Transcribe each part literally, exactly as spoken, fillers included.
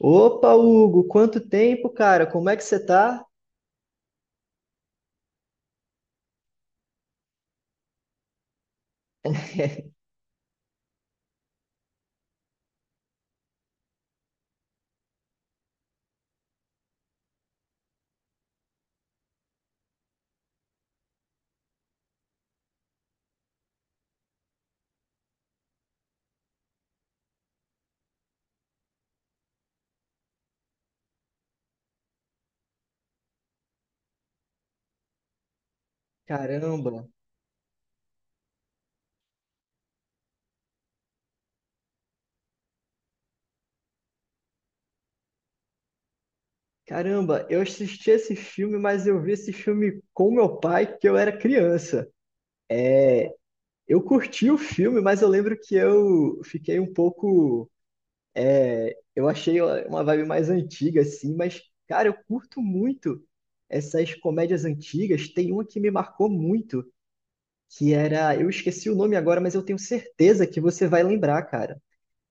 Opa, Hugo, quanto tempo, cara? Como é que você tá? Caramba, caramba, eu assisti esse filme, mas eu vi esse filme com meu pai que eu era criança. Eu curti o filme, mas eu lembro que eu fiquei um pouco. Eu achei uma vibe mais antiga, assim, mas, cara, eu curto muito essas comédias antigas. Tem uma que me marcou muito, que era. Eu esqueci o nome agora, mas eu tenho certeza que você vai lembrar, cara.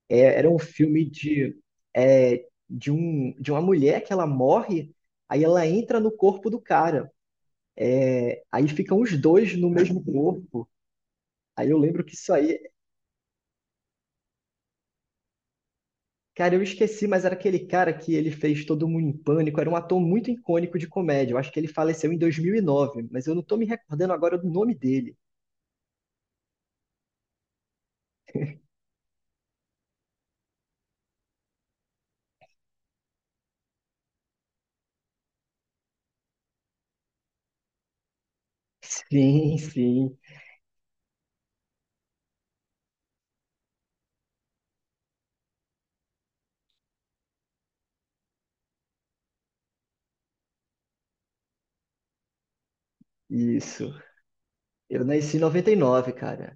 É, era um filme de, é, de, um, de uma mulher que ela morre, aí ela entra no corpo do cara. Aí ficam os dois no mesmo corpo. Aí eu lembro que isso aí. Cara, eu esqueci, mas era aquele cara que ele fez Todo Mundo em Pânico. Era um ator muito icônico de comédia. Eu acho que ele faleceu em dois mil e nove, mas eu não tô me recordando agora do nome dele. Sim, sim, isso. Eu nasci em noventa e nove, cara.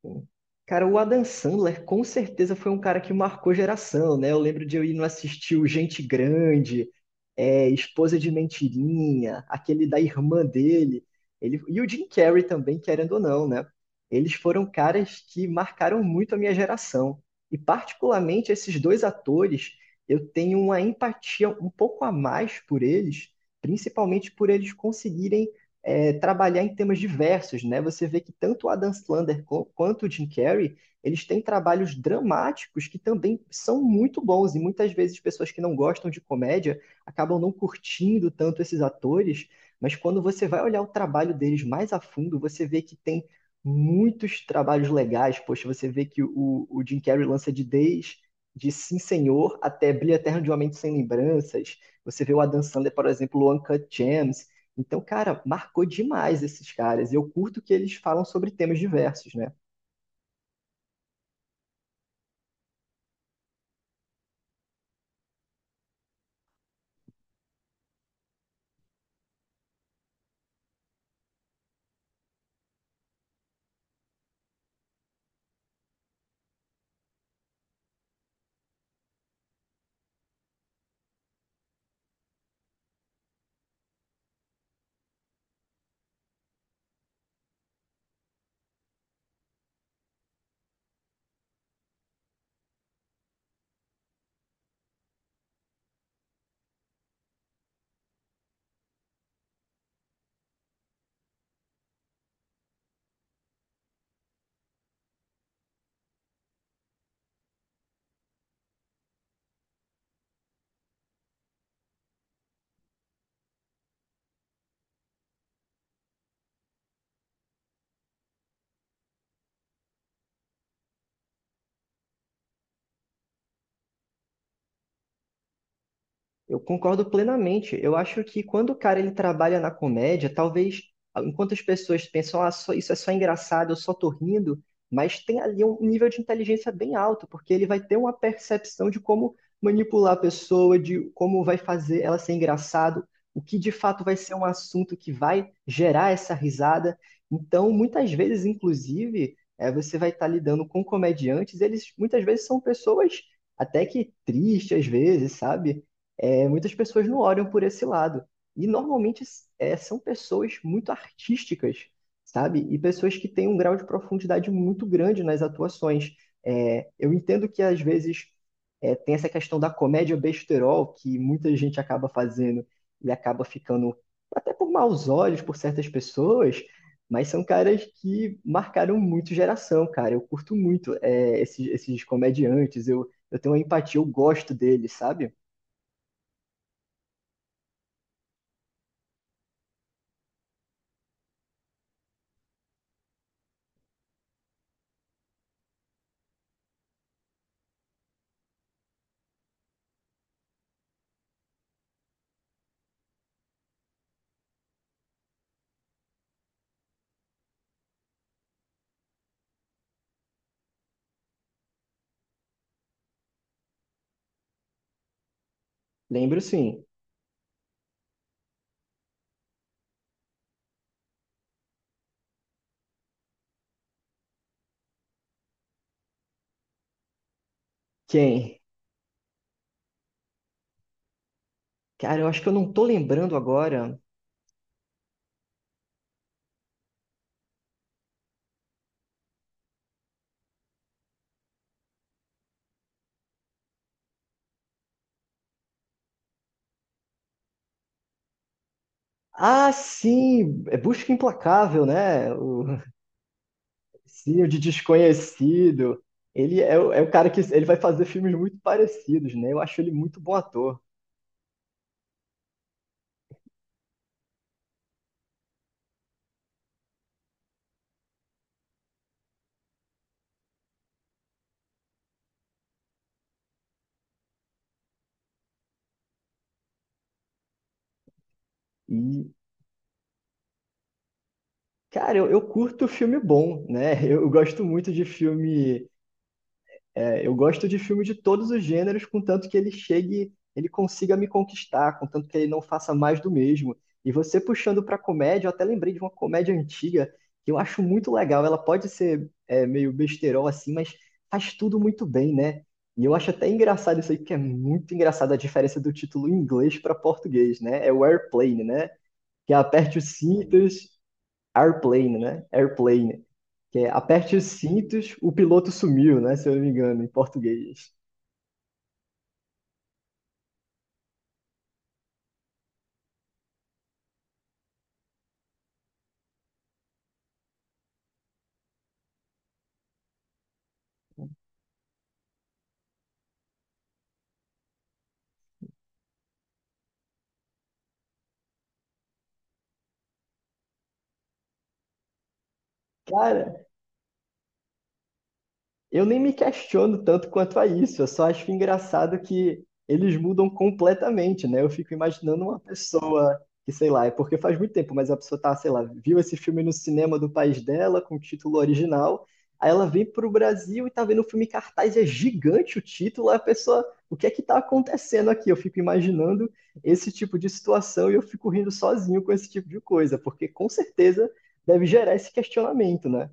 Sim. Cara, o Adam Sandler com certeza foi um cara que marcou geração, né? Eu lembro de eu ir no assistir o Gente Grande, é, Esposa de Mentirinha, aquele da irmã dele, ele, e o Jim Carrey também, querendo ou não, né? Eles foram caras que marcaram muito a minha geração. E particularmente esses dois atores, eu tenho uma empatia um pouco a mais por eles, principalmente por eles conseguirem é, trabalhar em temas diversos, né? Você vê que tanto o Adam Sandler quanto o Jim Carrey, eles têm trabalhos dramáticos que também são muito bons, e muitas vezes pessoas que não gostam de comédia acabam não curtindo tanto esses atores, mas quando você vai olhar o trabalho deles mais a fundo, você vê que tem muitos trabalhos legais, poxa, você vê que o, o Jim Carrey lança de desde de Sim Senhor até Brilho Eterno de Uma Mente Sem Lembranças, você vê o Adam Sandler, por exemplo, o Uncut Gems, então, cara, marcou demais esses caras. E eu curto que eles falam sobre temas diversos, né? Eu concordo plenamente. Eu acho que quando o cara ele trabalha na comédia, talvez ah, enquanto as pessoas pensam, ah, só- isso é só engraçado, eu só tô rindo, mas tem ali um nível de inteligência bem alto, porque ele vai ter uma percepção de como manipular a pessoa, de como vai fazer ela ser engraçado, o que de fato vai ser um assunto que vai gerar essa risada. Então, muitas vezes, inclusive, eh, você vai estar lidando com comediantes, eles muitas vezes são pessoas até que tristes às vezes, sabe? É, muitas pessoas não olham por esse lado. E normalmente é, são pessoas muito artísticas, sabe? E pessoas que têm um grau de profundidade muito grande nas atuações. É, eu entendo que às vezes é, tem essa questão da comédia besterol que muita gente acaba fazendo e acaba ficando até por maus olhos por certas pessoas, mas são caras que marcaram muito geração, cara. Eu curto muito é, esses, esses comediantes, eu, eu tenho uma empatia, eu gosto deles, sabe? Lembro sim. Quem? Cara, eu acho que eu não tô lembrando agora. Ah, sim! É Busca Implacável, né? O Cio de Desconhecido. Ele é, o- é o cara que ele vai fazer filmes muito parecidos, né? Eu acho ele muito bom ator. E, cara, eu, eu curto filme bom, né? Eu, eu gosto muito de filme. É, eu gosto de filme de todos os gêneros, contanto que ele chegue, ele consiga me conquistar, contanto que ele não faça mais do mesmo. E você puxando para comédia, eu até lembrei de uma comédia antiga que eu acho muito legal. Ela pode ser é, meio besterol assim, mas faz tudo muito bem, né? E eu acho até engraçado isso aí, porque é muito engraçado a diferença do título em inglês para português, né? É o Airplane, né? Que é aperte os cintos, Airplane, né? Airplane. Que é aperte os cintos, o piloto sumiu, né? Se eu não me engano, em português. Cara, eu nem me questiono tanto quanto a isso, eu só acho engraçado que eles mudam completamente, né? Eu fico imaginando uma pessoa que, sei lá, é porque faz muito tempo, mas a pessoa tá, sei lá, viu esse filme no cinema do país dela, com o título original, aí ela vem pro Brasil e tá vendo o filme em cartaz, é gigante o título, aí a pessoa, o que é que tá acontecendo aqui? Eu fico imaginando esse tipo de situação e eu fico rindo sozinho com esse tipo de coisa, porque com certeza deve gerar esse questionamento, né?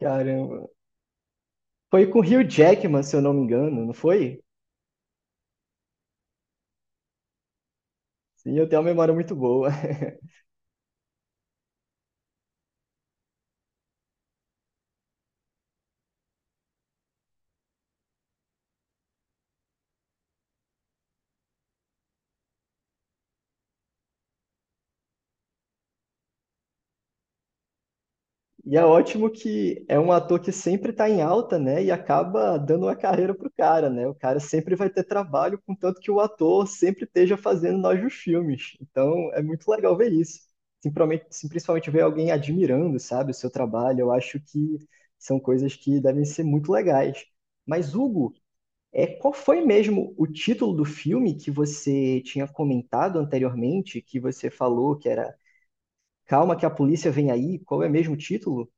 Caramba. Foi com o Hugh Jackman, se eu não me engano, não foi? Sim, eu tenho uma memória muito boa. E é ótimo que é um ator que sempre está em alta, né? E acaba dando uma carreira pro cara, né? O cara sempre vai ter trabalho, contanto que o ator sempre esteja fazendo novos filmes. Então é muito legal ver isso. Sim, sim, principalmente ver alguém admirando, sabe, o seu trabalho. Eu acho que são coisas que devem ser muito legais. Mas, Hugo, é, qual foi mesmo o título do filme que você tinha comentado anteriormente, que você falou que era Calma que a polícia vem aí? Qual é mesmo o título?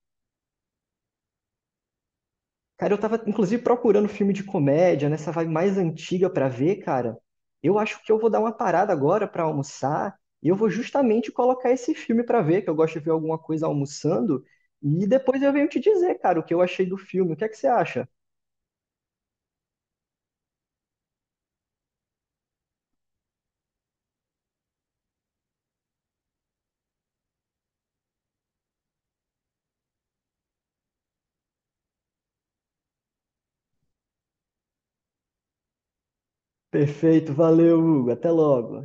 Cara, eu tava inclusive procurando filme de comédia, nessa vibe mais antiga pra ver, cara. Eu acho que eu vou dar uma parada agora pra almoçar e eu vou justamente colocar esse filme pra ver, que eu gosto de ver alguma coisa almoçando, e depois eu venho te dizer, cara, o que eu achei do filme. O que é que você acha? Perfeito, valeu, Hugo. Até logo.